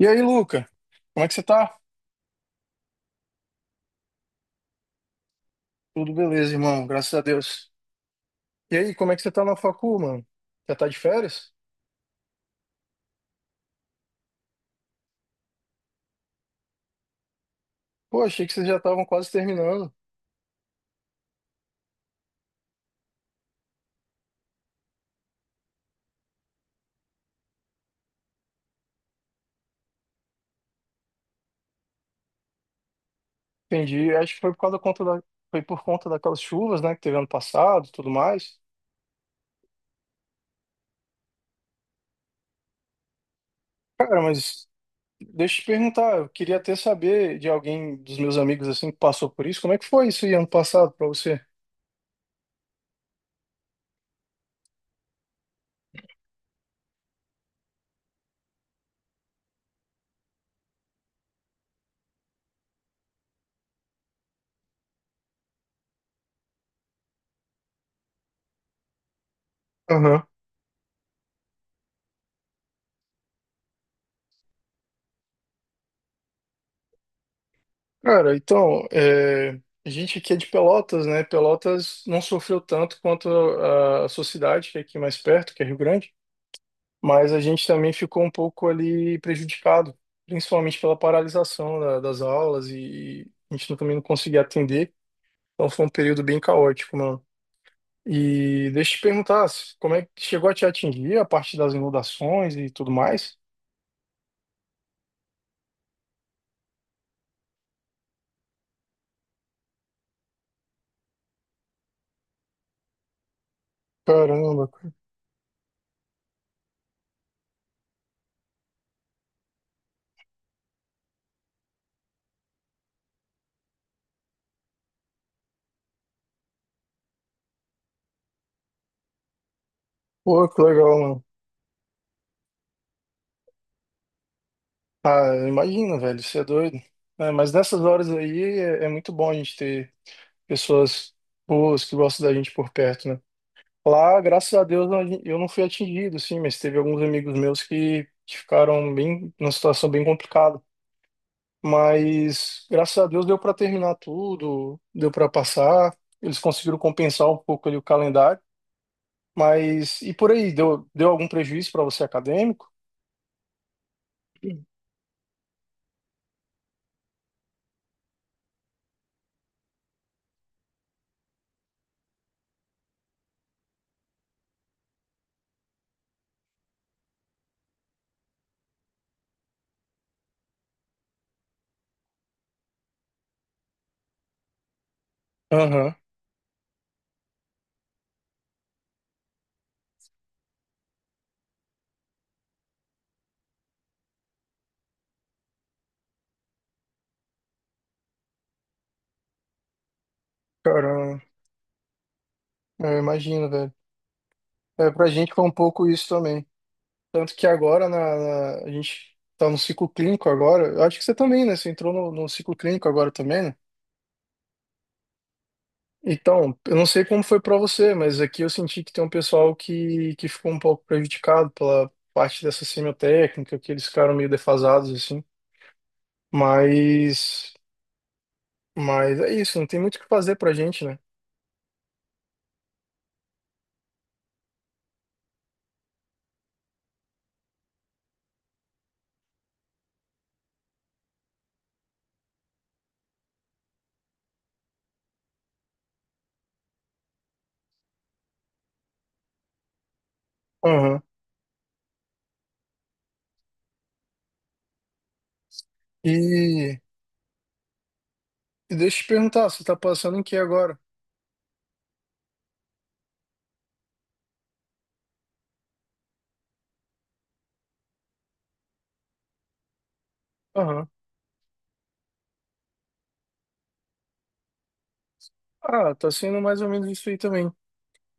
E aí, Luca? Como é que você tá? Tudo beleza, irmão, graças a Deus. E aí, como é que você tá na facu, mano? Já tá de férias? Pô, achei que vocês já estavam quase terminando. Entendi. Acho que foi por causa da conta da... foi por conta daquelas chuvas, né, que teve ano passado, e tudo mais. Cara, mas deixa eu te perguntar, eu queria até saber de alguém dos meus amigos assim que passou por isso, como é que foi isso aí ano passado pra você? Cara, então, é, a gente aqui é de Pelotas, né? Pelotas não sofreu tanto quanto a sua cidade, que é aqui mais perto, que é Rio Grande, mas a gente também ficou um pouco ali prejudicado, principalmente pela paralisação das aulas e, a gente também não conseguia atender. Então foi um período bem caótico, mano. E deixa eu te perguntar, como é que chegou a te atingir a parte das inundações e tudo mais? Caramba, cara. Pô, que legal, mano. Ah, eu imagino, velho, você é doido. É, mas nessas horas aí é muito bom a gente ter pessoas boas que gostam da gente por perto, né? Lá, graças a Deus, eu não fui atingido, sim, mas teve alguns amigos meus que ficaram bem, numa situação bem complicada. Mas graças a Deus deu para terminar tudo, deu para passar, eles conseguiram compensar um pouco ali o calendário. Mas e por aí, deu algum prejuízo para você acadêmico? Aham. Caramba, eu imagino, velho. É, pra gente foi um pouco isso também. Tanto que agora a gente tá no ciclo clínico agora. Eu acho que você também, né? Você entrou no ciclo clínico agora também, né? Então, eu não sei como foi pra você, mas aqui eu senti que tem um pessoal que ficou um pouco prejudicado pela parte dessa semiotécnica, que eles ficaram meio defasados, assim. Mas, mas é isso, não tem muito o que fazer pra gente, né? Aham. E, e deixa eu te perguntar, você tá passando em que agora? Aham. Ah, tá sendo mais ou menos isso aí também.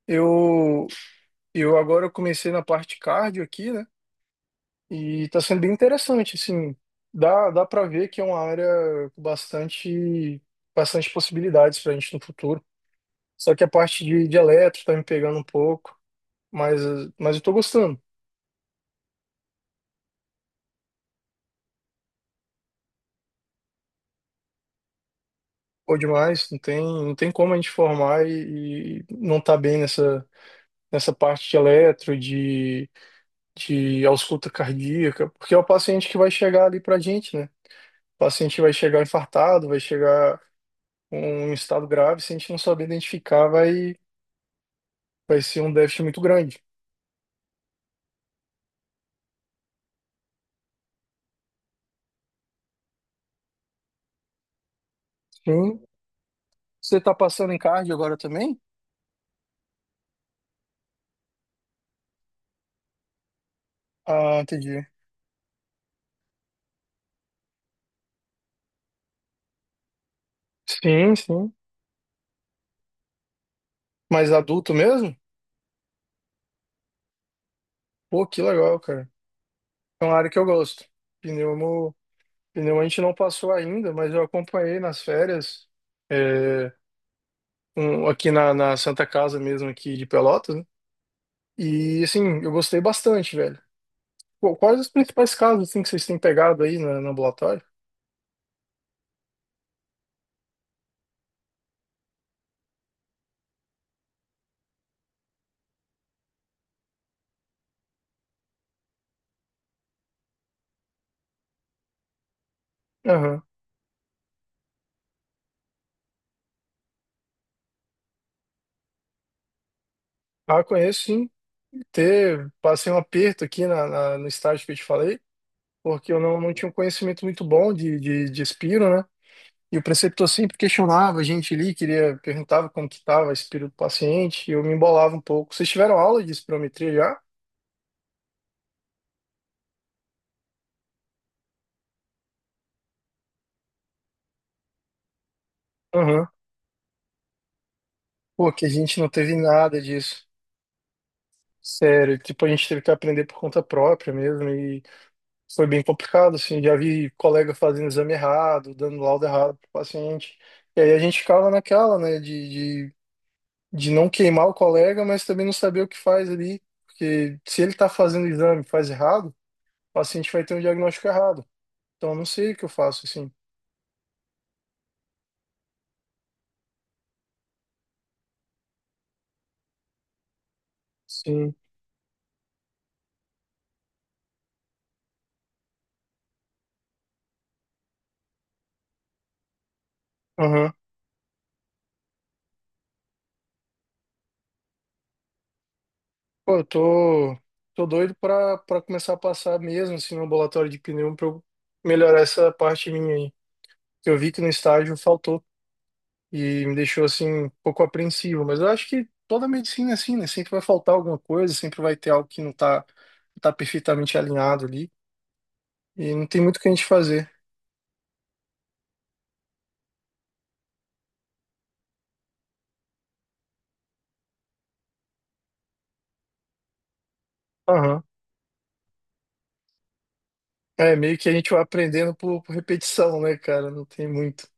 Eu, Eu agora comecei na parte cardio aqui, né? E tá sendo bem interessante, assim. Dá para ver que é uma área com bastante, bastante possibilidades pra gente no futuro. Só que a parte de eletro tá me pegando um pouco, mas, mas eu tô gostando. Pô, demais, não tem como a gente formar e não tá bem nessa, nessa parte de eletro, de ausculta cardíaca, porque é o paciente que vai chegar ali pra gente, né? O paciente vai chegar infartado, vai chegar um estado grave, se a gente não saber identificar, vai, vai ser um déficit muito grande. Sim. Você tá passando em cardio agora também? Ah, entendi. Sim, sim. Mas adulto mesmo? Pô, que legal, cara. É uma área que eu gosto. Pneumo, pneumo a gente não passou ainda, mas eu acompanhei nas férias, é, aqui na Santa Casa mesmo, aqui de Pelotas, né? E, assim, eu gostei bastante, velho. Pô, quais os principais casos, assim, que vocês têm pegado aí no ambulatório? Aham. Ah, conheço, sim. Ter, passei um aperto aqui no estágio que eu te falei, porque eu não tinha um conhecimento muito bom de Espiro, né? E o preceptor sempre questionava a gente ali, queria, perguntava como que estava a Espiro do paciente, e eu me embolava um pouco. Vocês tiveram aula de espirometria já? Aham. Pô, que a gente não teve nada disso. Sério, tipo, a gente teve que aprender por conta própria mesmo, e foi bem complicado, assim, já vi colega fazendo exame errado, dando laudo errado pro paciente, e aí a gente ficava naquela, né, de não queimar o colega, mas também não saber o que faz ali, porque se ele está fazendo o exame e faz errado, o paciente vai ter um diagnóstico errado. Então eu não sei o que eu faço assim. Sim. Aham. Pô, tô doido pra começar a passar mesmo assim no ambulatório de pneu pra eu melhorar essa parte minha aí. Que eu vi que no estágio faltou e me deixou assim um pouco apreensivo, mas eu acho que toda medicina é assim, né? Sempre vai faltar alguma coisa, sempre vai ter algo que não tá, não tá perfeitamente alinhado ali e não tem muito o que a gente fazer. Aham. É, meio que a gente vai aprendendo por repetição, né, cara? Não tem muito.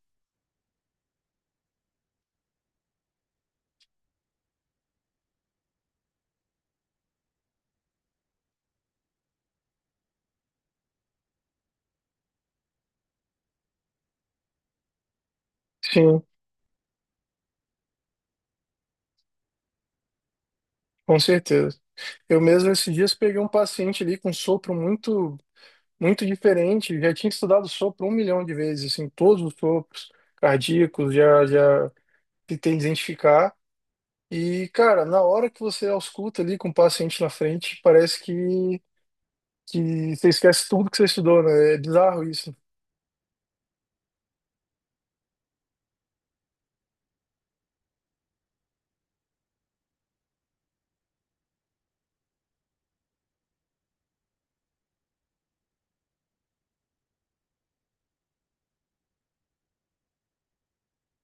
Sim, com certeza. Eu mesmo esses dias peguei um paciente ali com sopro muito, muito diferente. Já tinha estudado sopro um milhão de vezes, assim, todos os sopros cardíacos, já, já tentei identificar. E, cara, na hora que você ausculta ali com o paciente na frente, parece que você esquece tudo que você estudou, né? É bizarro isso.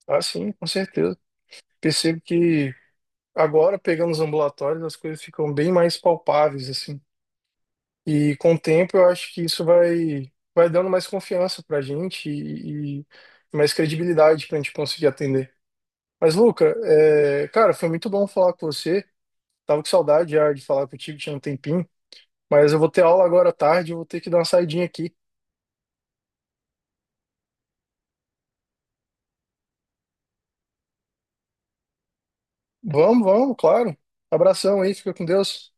Ah, sim, com certeza. Percebo que agora, pegando os ambulatórios, as coisas ficam bem mais palpáveis, assim. E com o tempo, eu acho que isso vai, vai dando mais confiança pra gente e mais credibilidade pra gente conseguir atender. Mas, Luca, é, cara, foi muito bom falar com você. Tava com saudade já de falar contigo, tinha um tempinho. Mas eu vou ter aula agora à tarde, eu vou ter que dar uma saidinha aqui. Vamos, vamos, claro. Abração aí, fica com Deus.